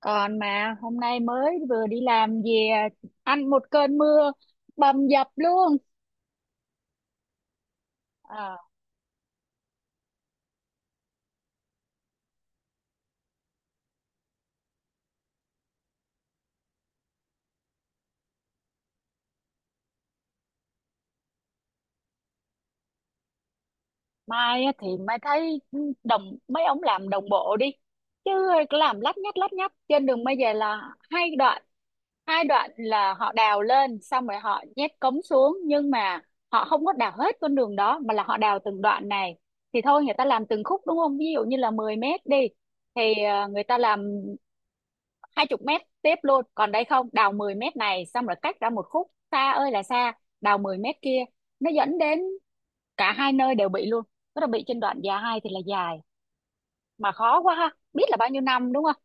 Còn mà hôm nay mới vừa đi làm về ăn một cơn mưa bầm dập luôn. Ờ, mai á thì mai thấy đồng mấy ông làm đồng bộ đi. Chứ làm lắt nhắt trên đường bây giờ là hai đoạn. Hai đoạn là họ đào lên xong rồi họ nhét cống xuống, nhưng mà họ không có đào hết con đường đó mà là họ đào từng đoạn này. Thì thôi người ta làm từng khúc, đúng không? Ví dụ như là 10 mét đi, thì người ta làm 20 mét tiếp luôn, còn đây không, đào 10 mét này xong rồi cách ra một khúc xa ơi là xa, đào 10 mét kia. Nó dẫn đến cả hai nơi đều bị luôn, tức là bị trên đoạn dài thì là dài, mà khó quá ha, biết là bao nhiêu năm đúng không.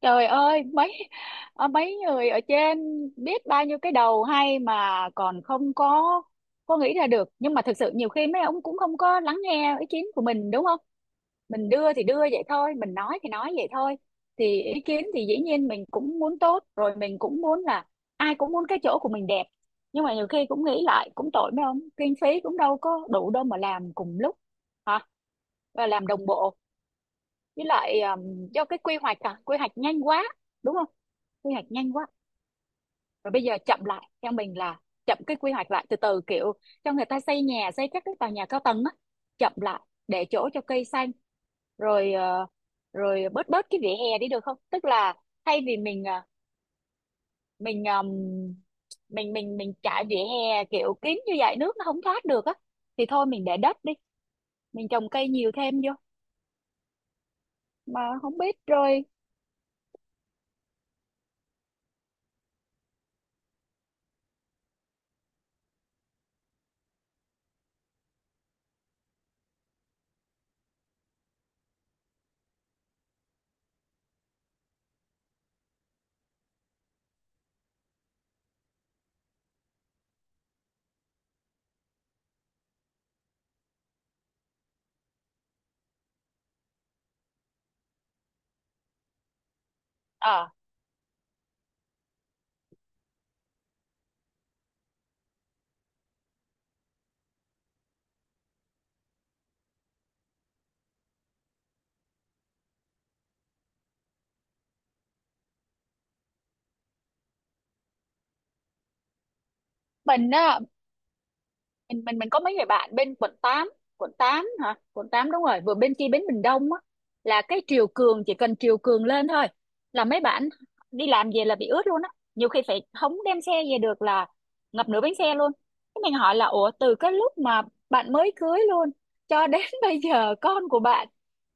Trời ơi mấy mấy người ở trên biết bao nhiêu cái đầu hay mà còn không có, có nghĩ ra được. Nhưng mà thực sự nhiều khi mấy ông cũng không có lắng nghe ý kiến của mình, đúng không. Mình đưa thì đưa vậy thôi, mình nói thì nói vậy thôi. Thì ý kiến thì dĩ nhiên mình cũng muốn tốt rồi, mình cũng muốn là ai cũng muốn cái chỗ của mình đẹp, nhưng mà nhiều khi cũng nghĩ lại cũng tội mấy ông, kinh phí cũng đâu có đủ đâu mà làm cùng lúc hả, và làm đồng bộ. Với lại do cái quy hoạch, à, quy hoạch nhanh quá, đúng không, quy hoạch nhanh quá. Rồi bây giờ chậm lại, theo mình là chậm cái quy hoạch lại từ từ, kiểu cho người ta xây nhà, xây các cái tòa nhà cao tầng á, chậm lại, để chỗ cho cây xanh. Rồi rồi bớt bớt cái vỉa hè đi được không, tức là thay vì mình mình mình trải vỉa hè kiểu kín như vậy nước nó không thoát được á, thì thôi mình để đất đi, mình trồng cây nhiều thêm vô. Mà không biết rồi. Ờ, mình á, mình có mấy người bạn bên quận 8. Quận tám hả, quận 8, đúng rồi, vừa bên kia bến Bình Đông á, là cái triều cường, chỉ cần triều cường lên thôi là mấy bạn đi làm về là bị ướt luôn á, nhiều khi phải không đem xe về được, là ngập nửa bánh xe luôn. Cái mình hỏi là, ủa từ cái lúc mà bạn mới cưới luôn cho đến bây giờ con của bạn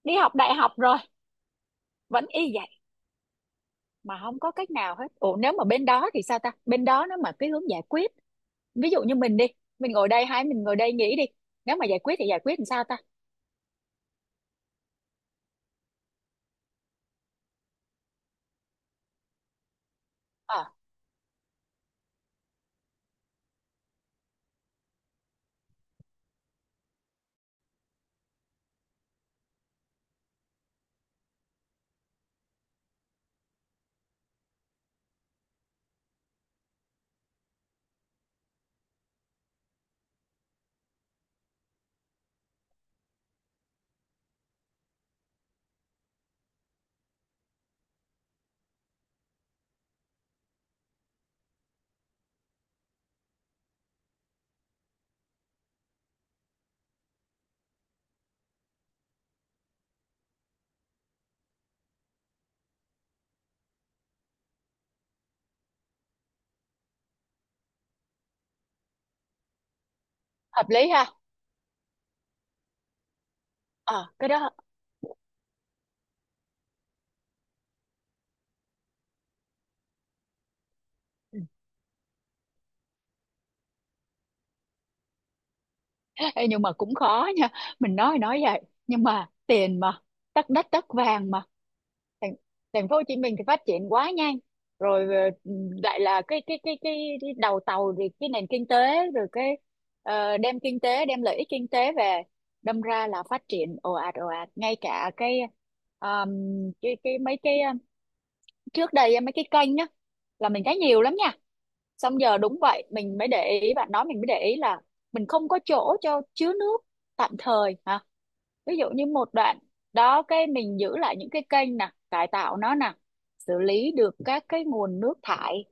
đi học đại học rồi vẫn y vậy, mà không có cách nào hết. Ủa nếu mà bên đó thì sao ta, bên đó nó mà cái hướng giải quyết, ví dụ như mình đi, mình ngồi đây, mình ngồi đây nghĩ đi, nếu mà giải quyết thì giải quyết làm sao ta. Ờ, hợp lý ha. Ờ, cái đó. Ừ. Ê, nhưng mà cũng khó nha, mình nói thì nói vậy nhưng mà tiền mà, tất đất tất vàng mà. thành, Thành phố Hồ Chí Minh thì phát triển quá nhanh. Rồi lại là cái đầu tàu thì cái nền kinh tế, rồi cái đem kinh tế, đem lợi ích kinh tế về, đâm ra là phát triển ồ ạt ồ ạt, ngay cả cái um, cái mấy cái trước đây á, mấy cái kênh á là mình thấy nhiều lắm nha, xong giờ đúng vậy, mình mới để ý bạn nói, mình mới để ý là mình không có chỗ cho chứa nước tạm thời hả. Ví dụ như một đoạn đó, cái mình giữ lại những cái kênh nè, cải tạo nó nè, xử lý được các cái nguồn nước thải.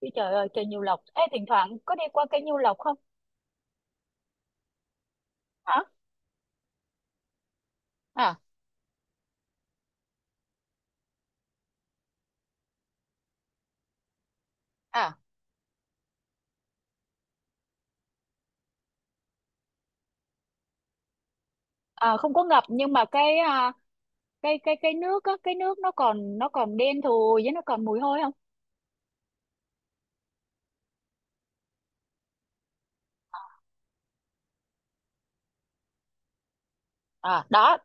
Chứ trời ơi, kênh Nhiêu Lộc, ê thỉnh thoảng có đi qua kênh Nhiêu Lộc không? Hả. À. À, à không có ngập nhưng mà cái cái nước á, cái nước nó còn, nó còn đen thùi, với nó còn mùi hôi không. À đó,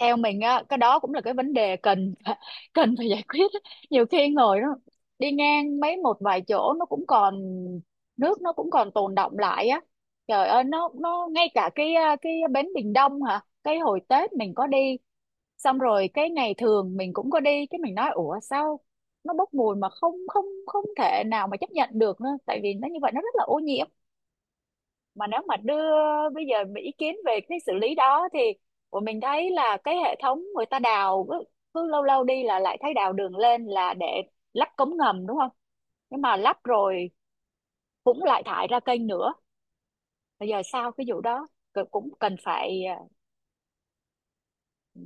theo mình á cái đó cũng là cái vấn đề cần cần phải giải quyết á. Nhiều khi ngồi nó đi ngang mấy một vài chỗ nó cũng còn nước, nó cũng còn tồn đọng lại á. Trời ơi, nó ngay cả cái cái bến Bình Đông hả, cái hồi Tết mình có đi, xong rồi cái ngày thường mình cũng có đi, cái mình nói ủa sao nó bốc mùi, mà không không không thể nào mà chấp nhận được nữa, tại vì nó như vậy nó rất là ô nhiễm. Mà nếu mà đưa bây giờ mà ý kiến về cái xử lý đó, thì của mình thấy là cái hệ thống người ta đào cứ lâu lâu đi là lại thấy đào đường lên là để lắp cống ngầm đúng không, nhưng mà lắp rồi cũng lại thải ra kênh nữa. Bây giờ sau cái vụ đó cũng cần phải, à,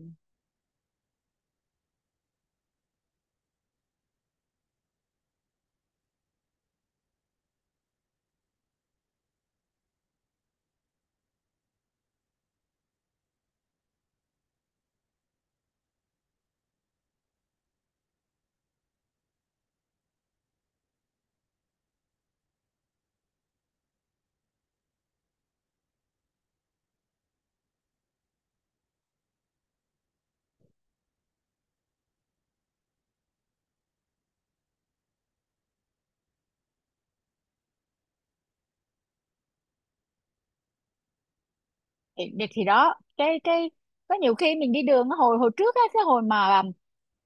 thì đó cái có nhiều khi mình đi đường á, hồi hồi trước á, cái hồi mà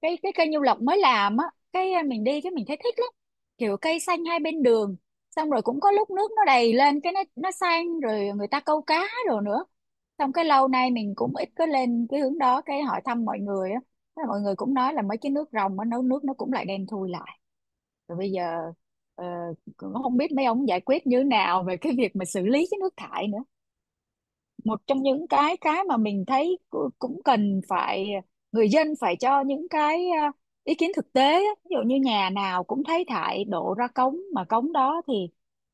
cái cây Nhiêu Lộc mới làm á, cái mình đi cái mình thấy thích lắm, kiểu cây xanh hai bên đường. Xong rồi cũng có lúc nước nó đầy lên, cái nó xanh, rồi người ta câu cá rồi nữa. Xong cái lâu nay mình cũng ít có lên cái hướng đó, cái hỏi thăm mọi người á. Thế là mọi người cũng nói là mấy cái nước rồng á, nấu nước nó cũng lại đen thui lại. Rồi bây giờ ờ, cũng không biết mấy ông giải quyết như thế nào về cái việc mà xử lý cái nước thải nữa. Một trong những cái mà mình thấy cũng cần phải, người dân phải cho những cái ý kiến thực tế á. Ví dụ như nhà nào cũng thấy thải đổ ra cống, mà cống đó thì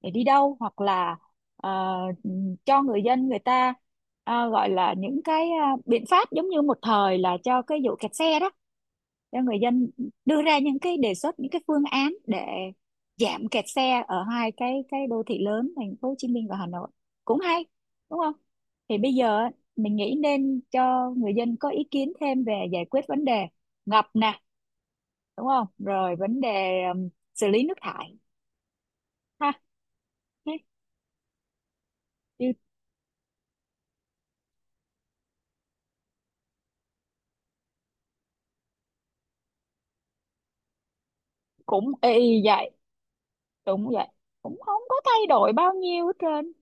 để đi đâu, hoặc là ờ, cho người dân người ta, à, gọi là những cái biện pháp giống như một thời là cho cái vụ kẹt xe đó, cho người dân đưa ra những cái đề xuất, những cái phương án để giảm kẹt xe ở hai cái đô thị lớn, thành phố Hồ Chí Minh và Hà Nội, cũng hay đúng không. Thì bây giờ á, mình nghĩ nên cho người dân có ý kiến thêm về giải quyết vấn đề ngập nè, đúng không, rồi vấn đề um, xử lý nước thải, ha. Thế chứ, cũng y vậy. Đúng vậy, cũng không có thay đổi bao nhiêu hết trơn.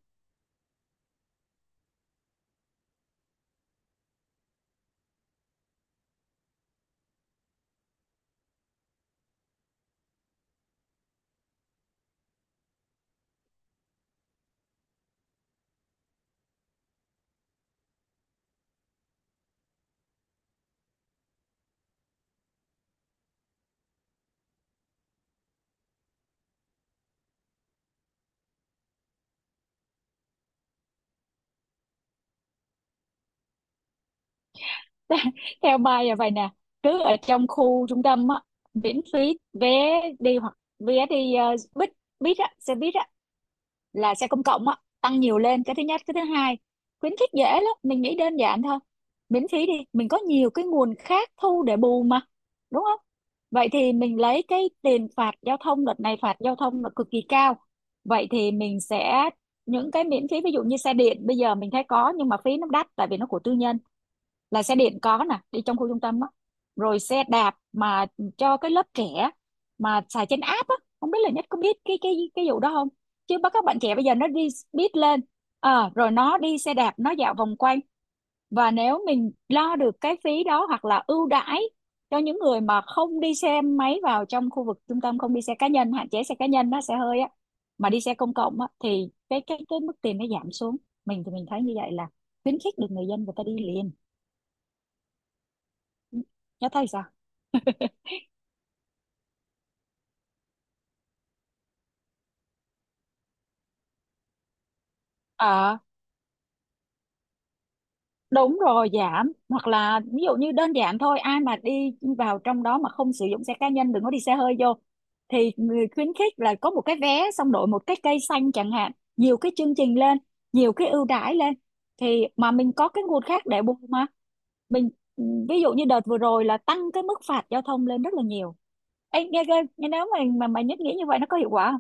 Theo Mai là vậy nè, cứ ở trong khu trung tâm á miễn phí vé đi, hoặc vé đi buýt, buýt á, xe buýt á, là xe công cộng á, tăng nhiều lên, cái thứ nhất. Cái thứ hai, khuyến khích dễ lắm, mình nghĩ đơn giản thôi, miễn phí đi, mình có nhiều cái nguồn khác thu để bù mà, đúng không. Vậy thì mình lấy cái tiền phạt giao thông, đợt này phạt giao thông là cực kỳ cao, vậy thì mình sẽ những cái miễn phí, ví dụ như xe điện bây giờ mình thấy có nhưng mà phí nó đắt tại vì nó của tư nhân, là xe điện có nè, đi trong khu trung tâm á, rồi xe đạp mà cho cái lớp trẻ mà xài trên app á, không biết là Nhất có biết cái vụ đó không. Chứ bắt các bạn trẻ bây giờ nó đi biết lên. Ờ, rồi nó đi xe đạp nó dạo vòng quanh, và nếu mình lo được cái phí đó hoặc là ưu đãi cho những người mà không đi xe máy vào trong khu vực trung tâm, không đi xe cá nhân, hạn chế xe cá nhân nó xe hơi á, mà đi xe công cộng á thì cái mức tiền nó giảm xuống. Mình thì mình thấy như vậy là khuyến khích được người dân người ta đi liền, giá thấy sao. Ờ đúng rồi, giảm hoặc là ví dụ như đơn giản thôi, ai mà đi vào trong đó mà không sử dụng xe cá nhân, đừng có đi xe hơi vô, thì người khuyến khích là có một cái vé xong đổi một cái cây xanh chẳng hạn, nhiều cái chương trình lên, nhiều cái ưu đãi lên, thì mà mình có cái nguồn khác để bù mà. Mình ví dụ như đợt vừa rồi là tăng cái mức phạt giao thông lên rất là nhiều. Ê, nghe nếu mà mà nhất nghĩ như vậy nó có hiệu quả.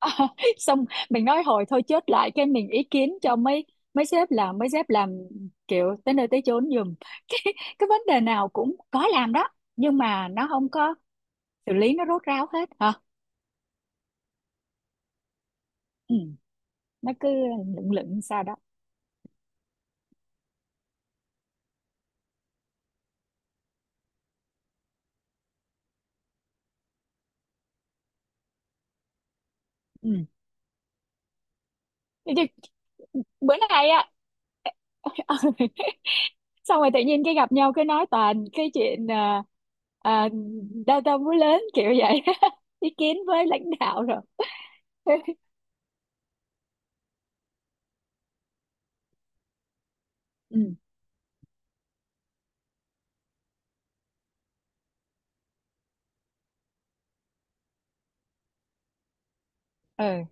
Xong mình nói hồi thôi, chốt lại cái mình ý kiến cho mấy mấy sếp làm, mấy sếp làm kiểu tới nơi tới chốn giùm cái cái vấn đề nào cũng có làm đó, nhưng mà nó không có xử lý nó rốt ráo hết hả. Ừ. Nó cứ lững lững sao đó. Ừ. Thế thì bữa nay á. Xong rồi tự nhiên cái gặp nhau cái nói toàn cái chuyện à, à, đau tâm vú lớn kiểu vậy. Ý kiến với lãnh đạo rồi. Ừ. Ừ.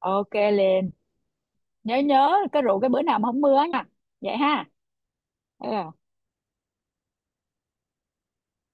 Ok liền, nhớ nhớ cái rượu cái bữa nào mà không mưa nha. Vậy ha. Ừ.